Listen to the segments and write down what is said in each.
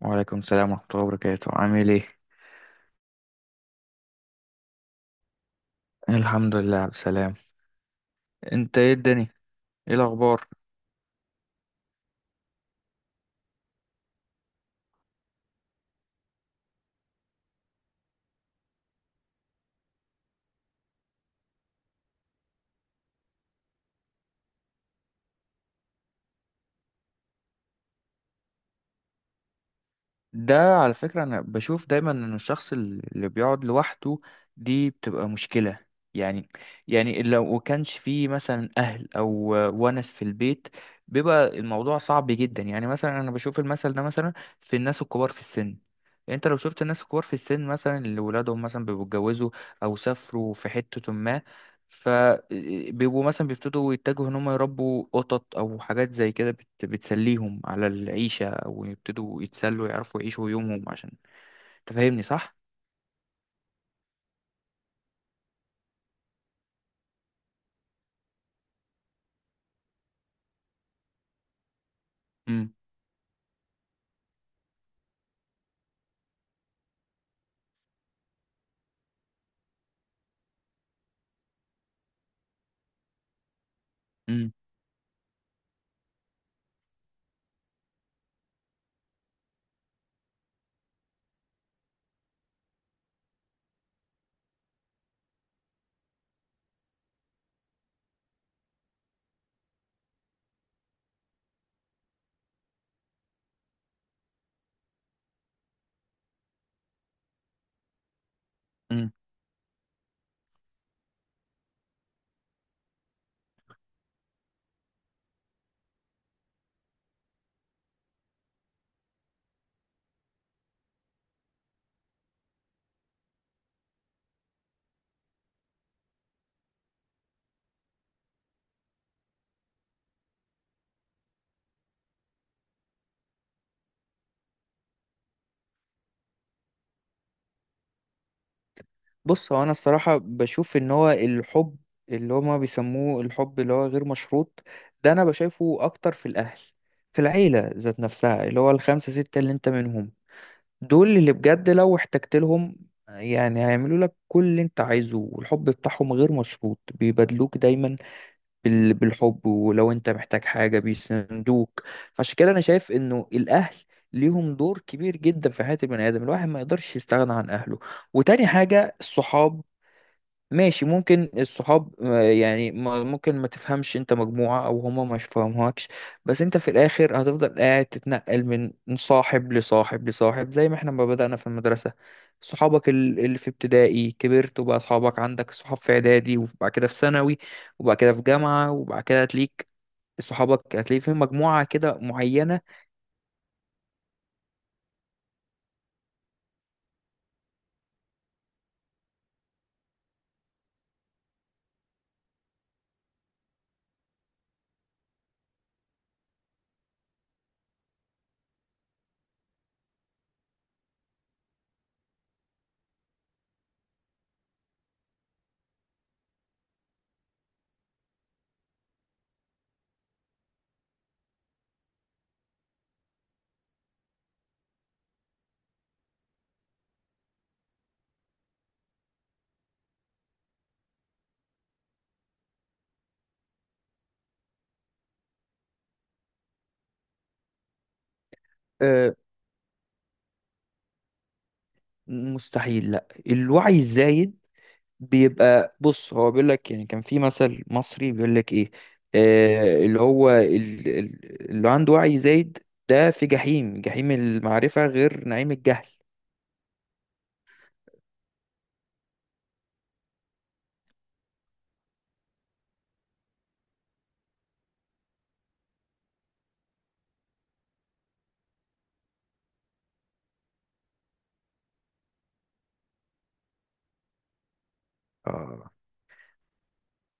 وعليكم السلام ورحمة الله وبركاته، عامل ايه؟ الحمد لله بسلام. انت ايه الدنيا؟ ايه الأخبار؟ ده على فكرة أنا بشوف دايما إن الشخص اللي بيقعد لوحده دي بتبقى مشكلة. يعني يعني لو كانش فيه مثلا أهل أو ونس في البيت بيبقى الموضوع صعب جدا. يعني مثلا أنا بشوف المثل ده، مثلا في الناس الكبار في السن. انت لو شفت الناس الكبار في السن مثلا اللي ولادهم مثلا بيبقوا اتجوزوا او سافروا في حتة ما، فبيبقوا مثلا بيبتدوا يتجهوا ان هم يربوا قطط او حاجات زي كده بتسليهم على العيشة، او يبتدوا يتسلوا يعرفوا يعيشوا يومهم، عشان تفهمني صح؟ امم. امم. امم. بص هو انا الصراحة بشوف ان هو الحب، اللي هما بيسموه الحب اللي هو غير مشروط، ده انا بشايفه اكتر في الاهل، في العيلة ذات نفسها اللي هو الخمسة ستة اللي انت منهم. دول اللي بجد لو احتجت لهم يعني هيعملوا لك كل اللي انت عايزه، والحب بتاعهم غير مشروط بيبادلوك دايما بالحب، ولو انت محتاج حاجة بيسندوك. فعشان كده انا شايف انه الاهل ليهم دور كبير جدا في حياة البني آدم، الواحد ما يقدرش يستغنى عن أهله. وتاني حاجة الصحاب، ماشي ممكن الصحاب آه، يعني ممكن ما تفهمش انت مجموعة او هما ما يفهموكش. بس انت في الاخر هتفضل قاعد تتنقل من صاحب لصاحب لصاحب، زي ما احنا ما بدأنا في المدرسة. صحابك اللي في ابتدائي كبرت وبقى صحابك، عندك صحاب في اعدادي وبعد كده في ثانوي وبعد كده في جامعة، وبعد كده هتليك صحابك هتلاقي في مجموعة كده معينة. آه، مستحيل. لا، الوعي الزايد بيبقى، بص هو بيقول لك، يعني كان في مثل مصري بيقول لك ايه؟ آه، اللي هو اللي عنده وعي زايد ده في جحيم، جحيم المعرفة غير نعيم الجهل. آه.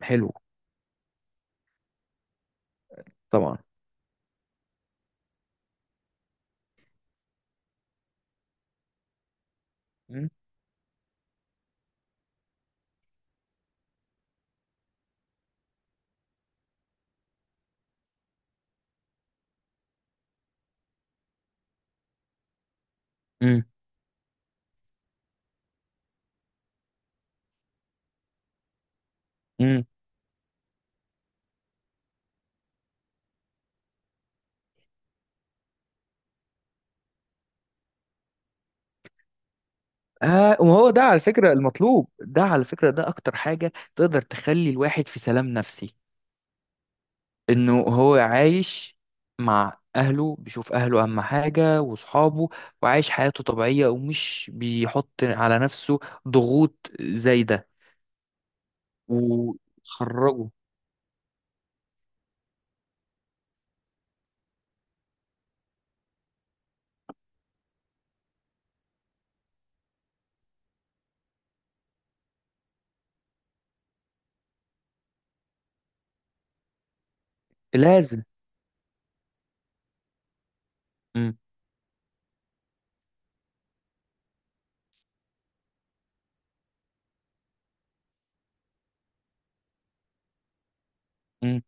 حلو. طبعا. مم. مم. مم. آه وهو ده على فكرة المطلوب، ده على فكرة ده أكتر حاجة تقدر تخلي الواحد في سلام نفسي، انه هو عايش مع اهله، بيشوف اهله اهم حاجة وصحابه، وعايش حياته طبيعية ومش بيحط على نفسه ضغوط زايدة، وخرجه. لازم. امم. امم.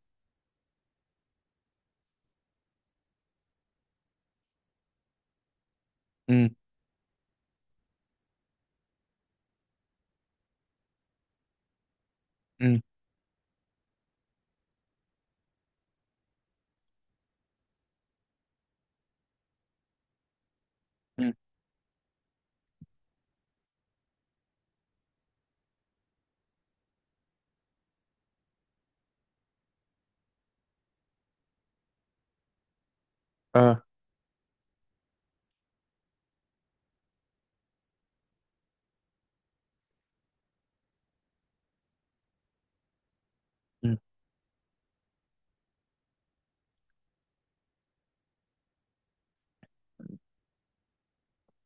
امم. امم. اه. مم.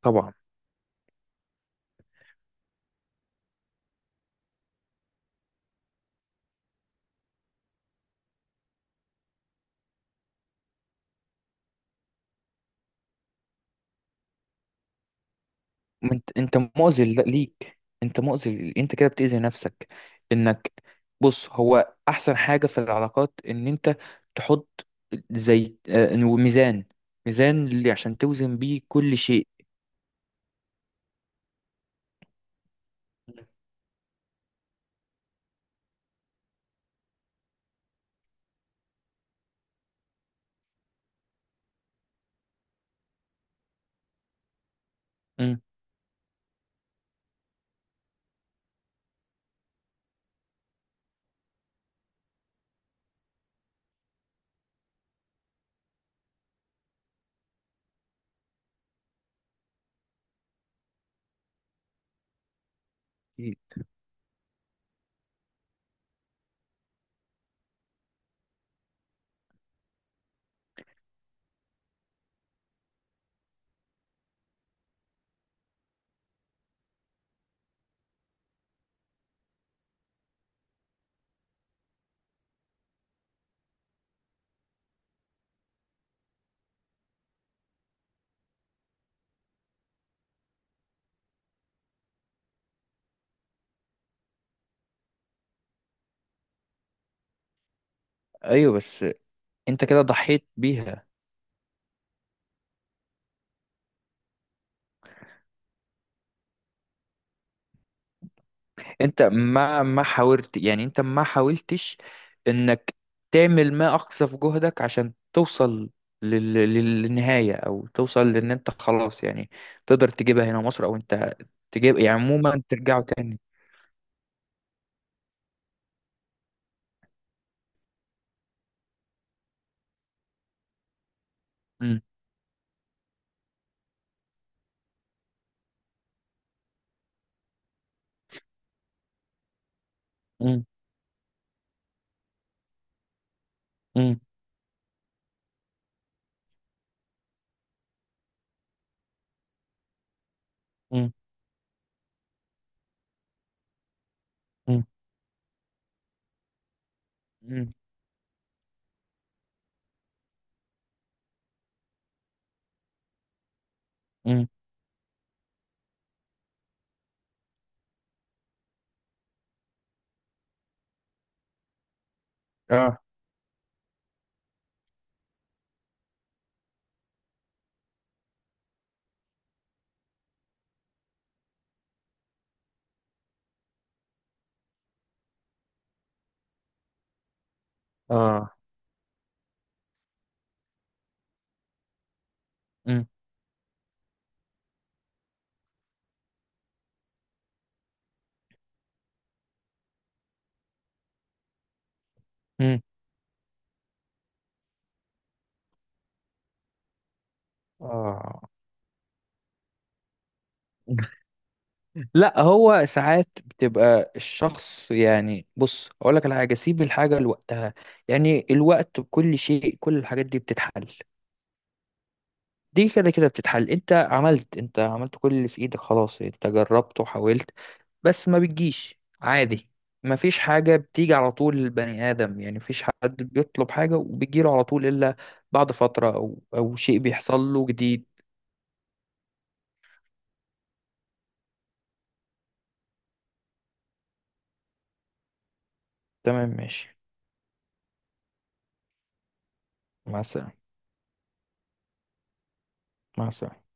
طبعا. ما انت مؤذي ليك، انت مؤذي انت كده بتأذي نفسك، انك، بص هو احسن حاجة في العلاقات ان انت تحط زي آه، ميزان، ميزان اللي عشان توزن بيه كل شيء. مم. ايوه بس انت كده ضحيت بيها. انت ما حاولت، يعني انت ما حاولتش انك تعمل ما اقصى في جهدك عشان توصل للنهاية، او توصل لان انت خلاص يعني تقدر تجيبها هنا مصر، او انت تجيب يعني عموما ترجعوا تاني. مم. مم. مم. مم. مم. مم. مم. اه. اه. مم. مم. اه. لا، هو ساعات بتبقى الشخص، يعني بص اقول لك على حاجه، سيب الحاجه لوقتها، يعني الوقت بكل شيء كل الحاجات دي بتتحل. دي كده كده بتتحل، انت عملت كل اللي في ايدك، خلاص انت جربت وحاولت، بس ما بتجيش عادي. ما فيش حاجه بتيجي على طول للبني ادم، يعني مفيش حد بيطلب حاجه وبيجيله على طول، الا بعد فتره او شيء بيحصل له جديد. تمام ماشي. مع السلامه. مع السلامه.